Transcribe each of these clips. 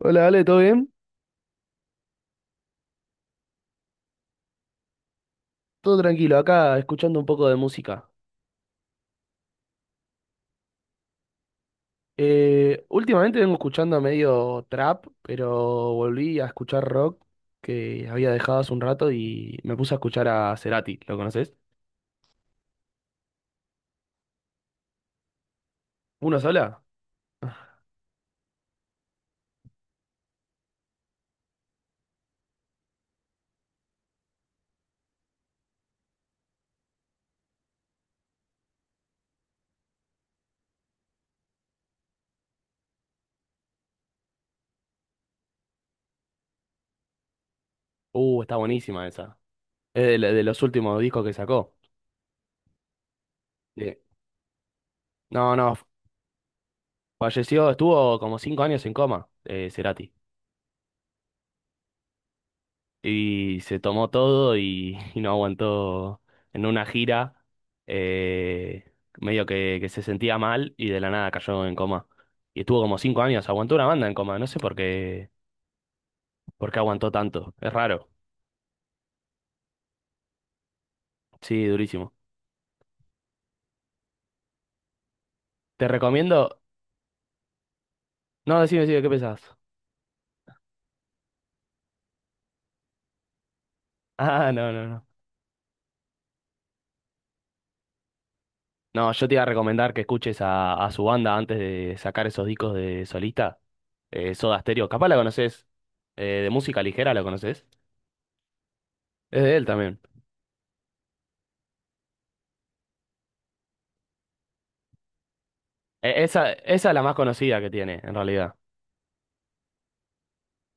Hola, Ale, ¿todo bien? Todo tranquilo, acá escuchando un poco de música. Últimamente vengo escuchando medio trap, pero volví a escuchar rock que había dejado hace un rato y me puse a escuchar a Cerati, ¿lo conoces? ¿Una sola? Está buenísima esa. Es de los últimos discos que sacó. Sí. No, no, falleció, estuvo como 5 años en coma, Cerati. Y se tomó todo y, y no aguantó en una gira, eh, medio que se sentía mal y de la nada cayó en coma. Y estuvo como cinco años, aguantó una banda en coma, no sé por qué aguantó tanto, es raro, sí, durísimo. Te recomiendo, no, decime, decime, ¿qué pensás? Ah, no, no, no. No, yo te iba a recomendar que escuches a su banda antes de sacar esos discos de solista, Soda Stereo, capaz la conoces, de música ligera la conoces, es de él también. E- esa es la más conocida que tiene, en realidad.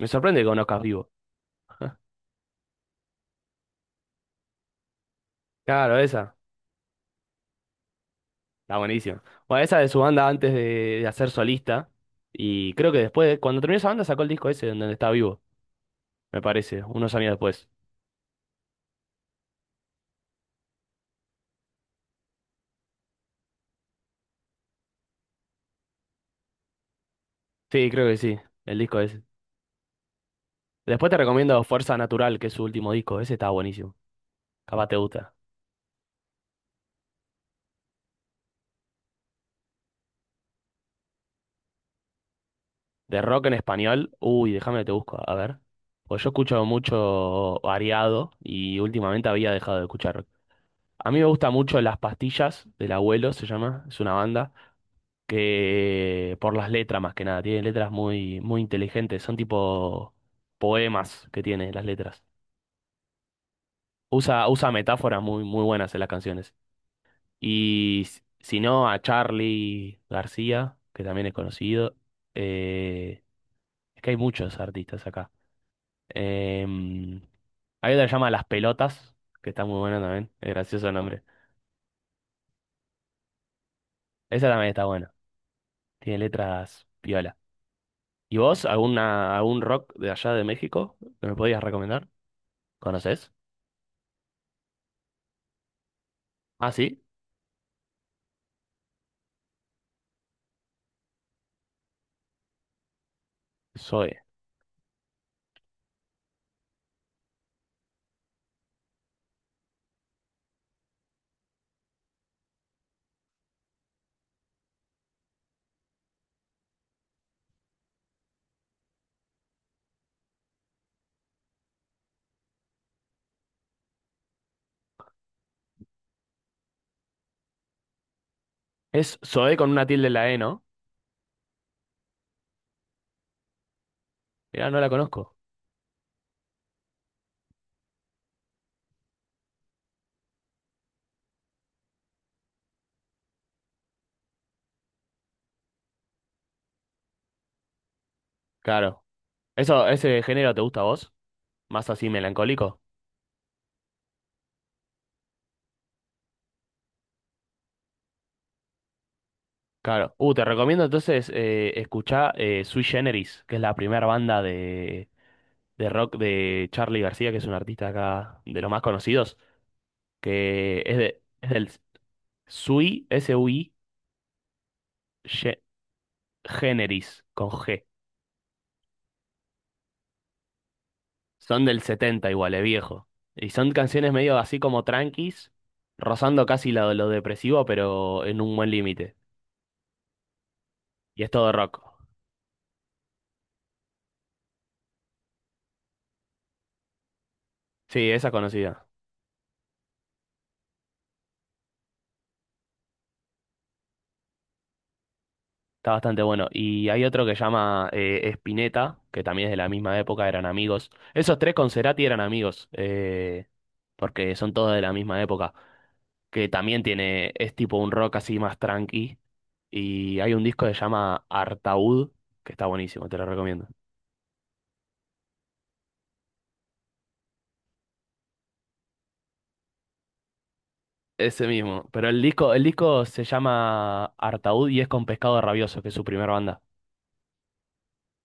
Me sorprende que conozcas Vivo. Claro, esa. Está buenísima. Bueno, esa de su banda antes de hacer solista. Y creo que después, cuando terminó esa banda, sacó el disco ese donde está Vivo, me parece, unos años después. Sí, creo que sí, el disco ese. Después te recomiendo Fuerza Natural, que es su último disco. Ese está buenísimo. Capaz te gusta. De rock en español. Uy, déjame que te busco. A ver. Pues yo escucho mucho variado y últimamente había dejado de escuchar. A mí me gusta mucho Las Pastillas del Abuelo, se llama, es una banda, que por las letras más que nada, tiene letras muy, muy inteligentes, son tipo poemas que tiene las letras. Usa metáforas muy, muy buenas en las canciones. Y s- si no, a Charlie García, que también es conocido, eh, es que hay muchos artistas acá. Em, hay otra que se llama Las Pelotas, que está muy buena también, es gracioso el nombre. Esa también está buena, tiene letras piola. ¿Y vos, alguna, algún rock de allá de México que me podías recomendar? ¿Conoces? Ah, sí, Zoe. ¿Es Zoe con una tilde en la E, no? Mirá, no la conozco. Claro. Eso, ¿ese género te gusta a vos? ¿Más así melancólico? Claro. Te recomiendo entonces escuchar Sui Generis, que es la primera banda de rock de Charly García, que es un artista acá de los más conocidos, que es, de, es del Sui, S-U-I, Ge- Generis, con G. Son del 70 igual, es viejo. Y son canciones medio así como tranquis, rozando casi lo depresivo, pero en un buen límite. Y es todo rock. Sí, esa es conocida. Está bastante bueno. Y hay otro que llama Spinetta, que también es de la misma época, eran amigos. Esos tres con Cerati eran amigos, porque son todos de la misma época. Que también tiene, es tipo un rock así más tranqui. Y hay un disco que se llama Artaud, que está buenísimo, te lo recomiendo. Ese mismo. Pero el disco se llama Artaud y es con Pescado Rabioso, que es su primera banda.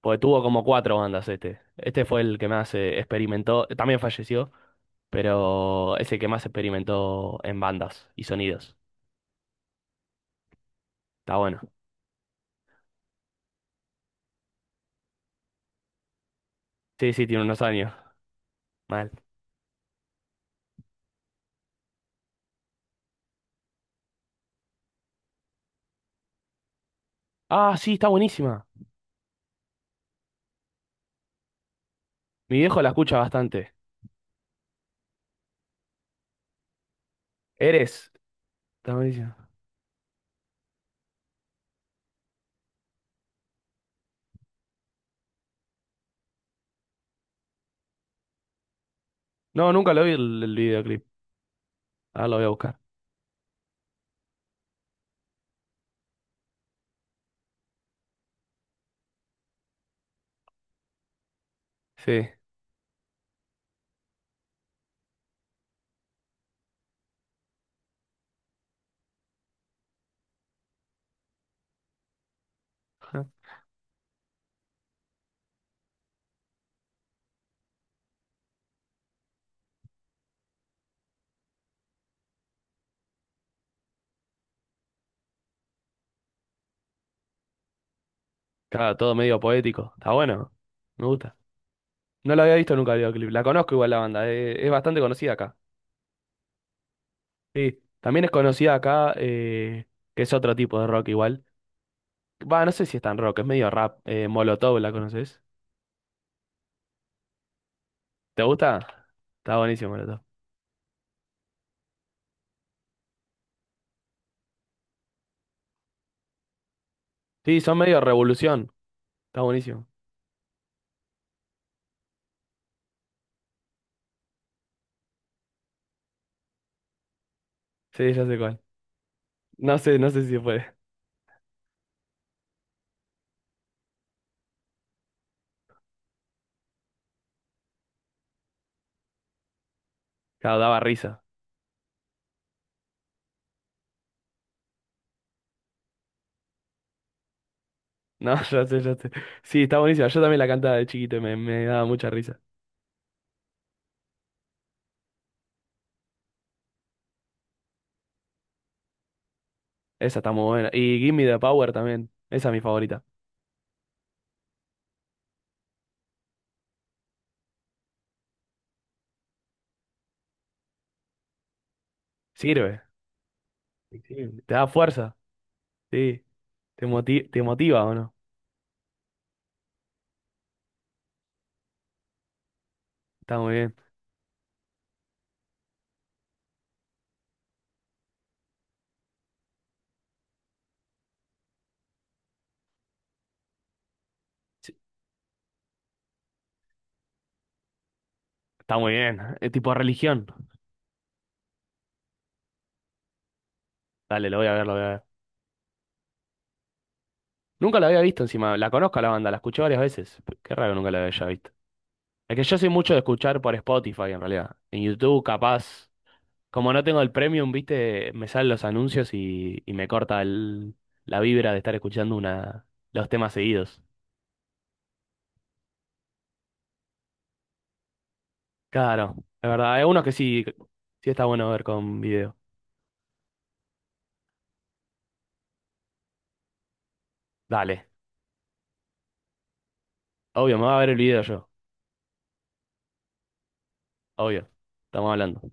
Porque tuvo como 4 bandas este. Este fue el que más experimentó. También falleció, pero es el que más experimentó en bandas y sonidos. Está bueno. Sí, sí, tiene unos años. Mal. Ah, sí, está buenísima. Mi viejo la escucha bastante. Eres. Está buenísima. No, nunca lo vi el videoclip. Ahora lo voy a buscar. Sí. Ajá. Claro, todo medio poético. Está bueno. Me gusta. No la había visto nunca el videoclip. La conozco igual la banda. Es bastante conocida acá. Sí. También es conocida acá, que es otro tipo de rock igual. Va, no sé si es tan rock, es medio rap. Molotov, ¿la conoces? ¿Te gusta? Está buenísimo, Molotov. Sí, son medio revolución. Está buenísimo. Sí, ya sé cuál. No sé, no sé si fue. Claro, daba risa. No, ya sé, ya sé. Sí, está buenísima. Yo también la cantaba de chiquito y me daba mucha risa. Esa está muy buena. Y Gimme the Power también. Esa es mi favorita. Sirve. Sí, te da fuerza. Sí. ¿Te moti- te motiva o no? Está muy bien. Sí, está muy bien. Es tipo religión. Dale, lo voy a ver, lo voy a ver. Nunca la había visto encima. La conozco a la banda, la escuché varias veces. P- Qué raro que nunca la haya visto. Es que yo soy mucho de escuchar por Spotify en realidad. En YouTube, capaz. Como no tengo el premium, viste, me salen los anuncios y me corta el- la vibra de estar escuchando una, los temas seguidos. Claro, es verdad. Hay unos que sí, sí está bueno ver con video. Dale. Obvio, me va a ver el video yo. Obvio. Estamos hablando.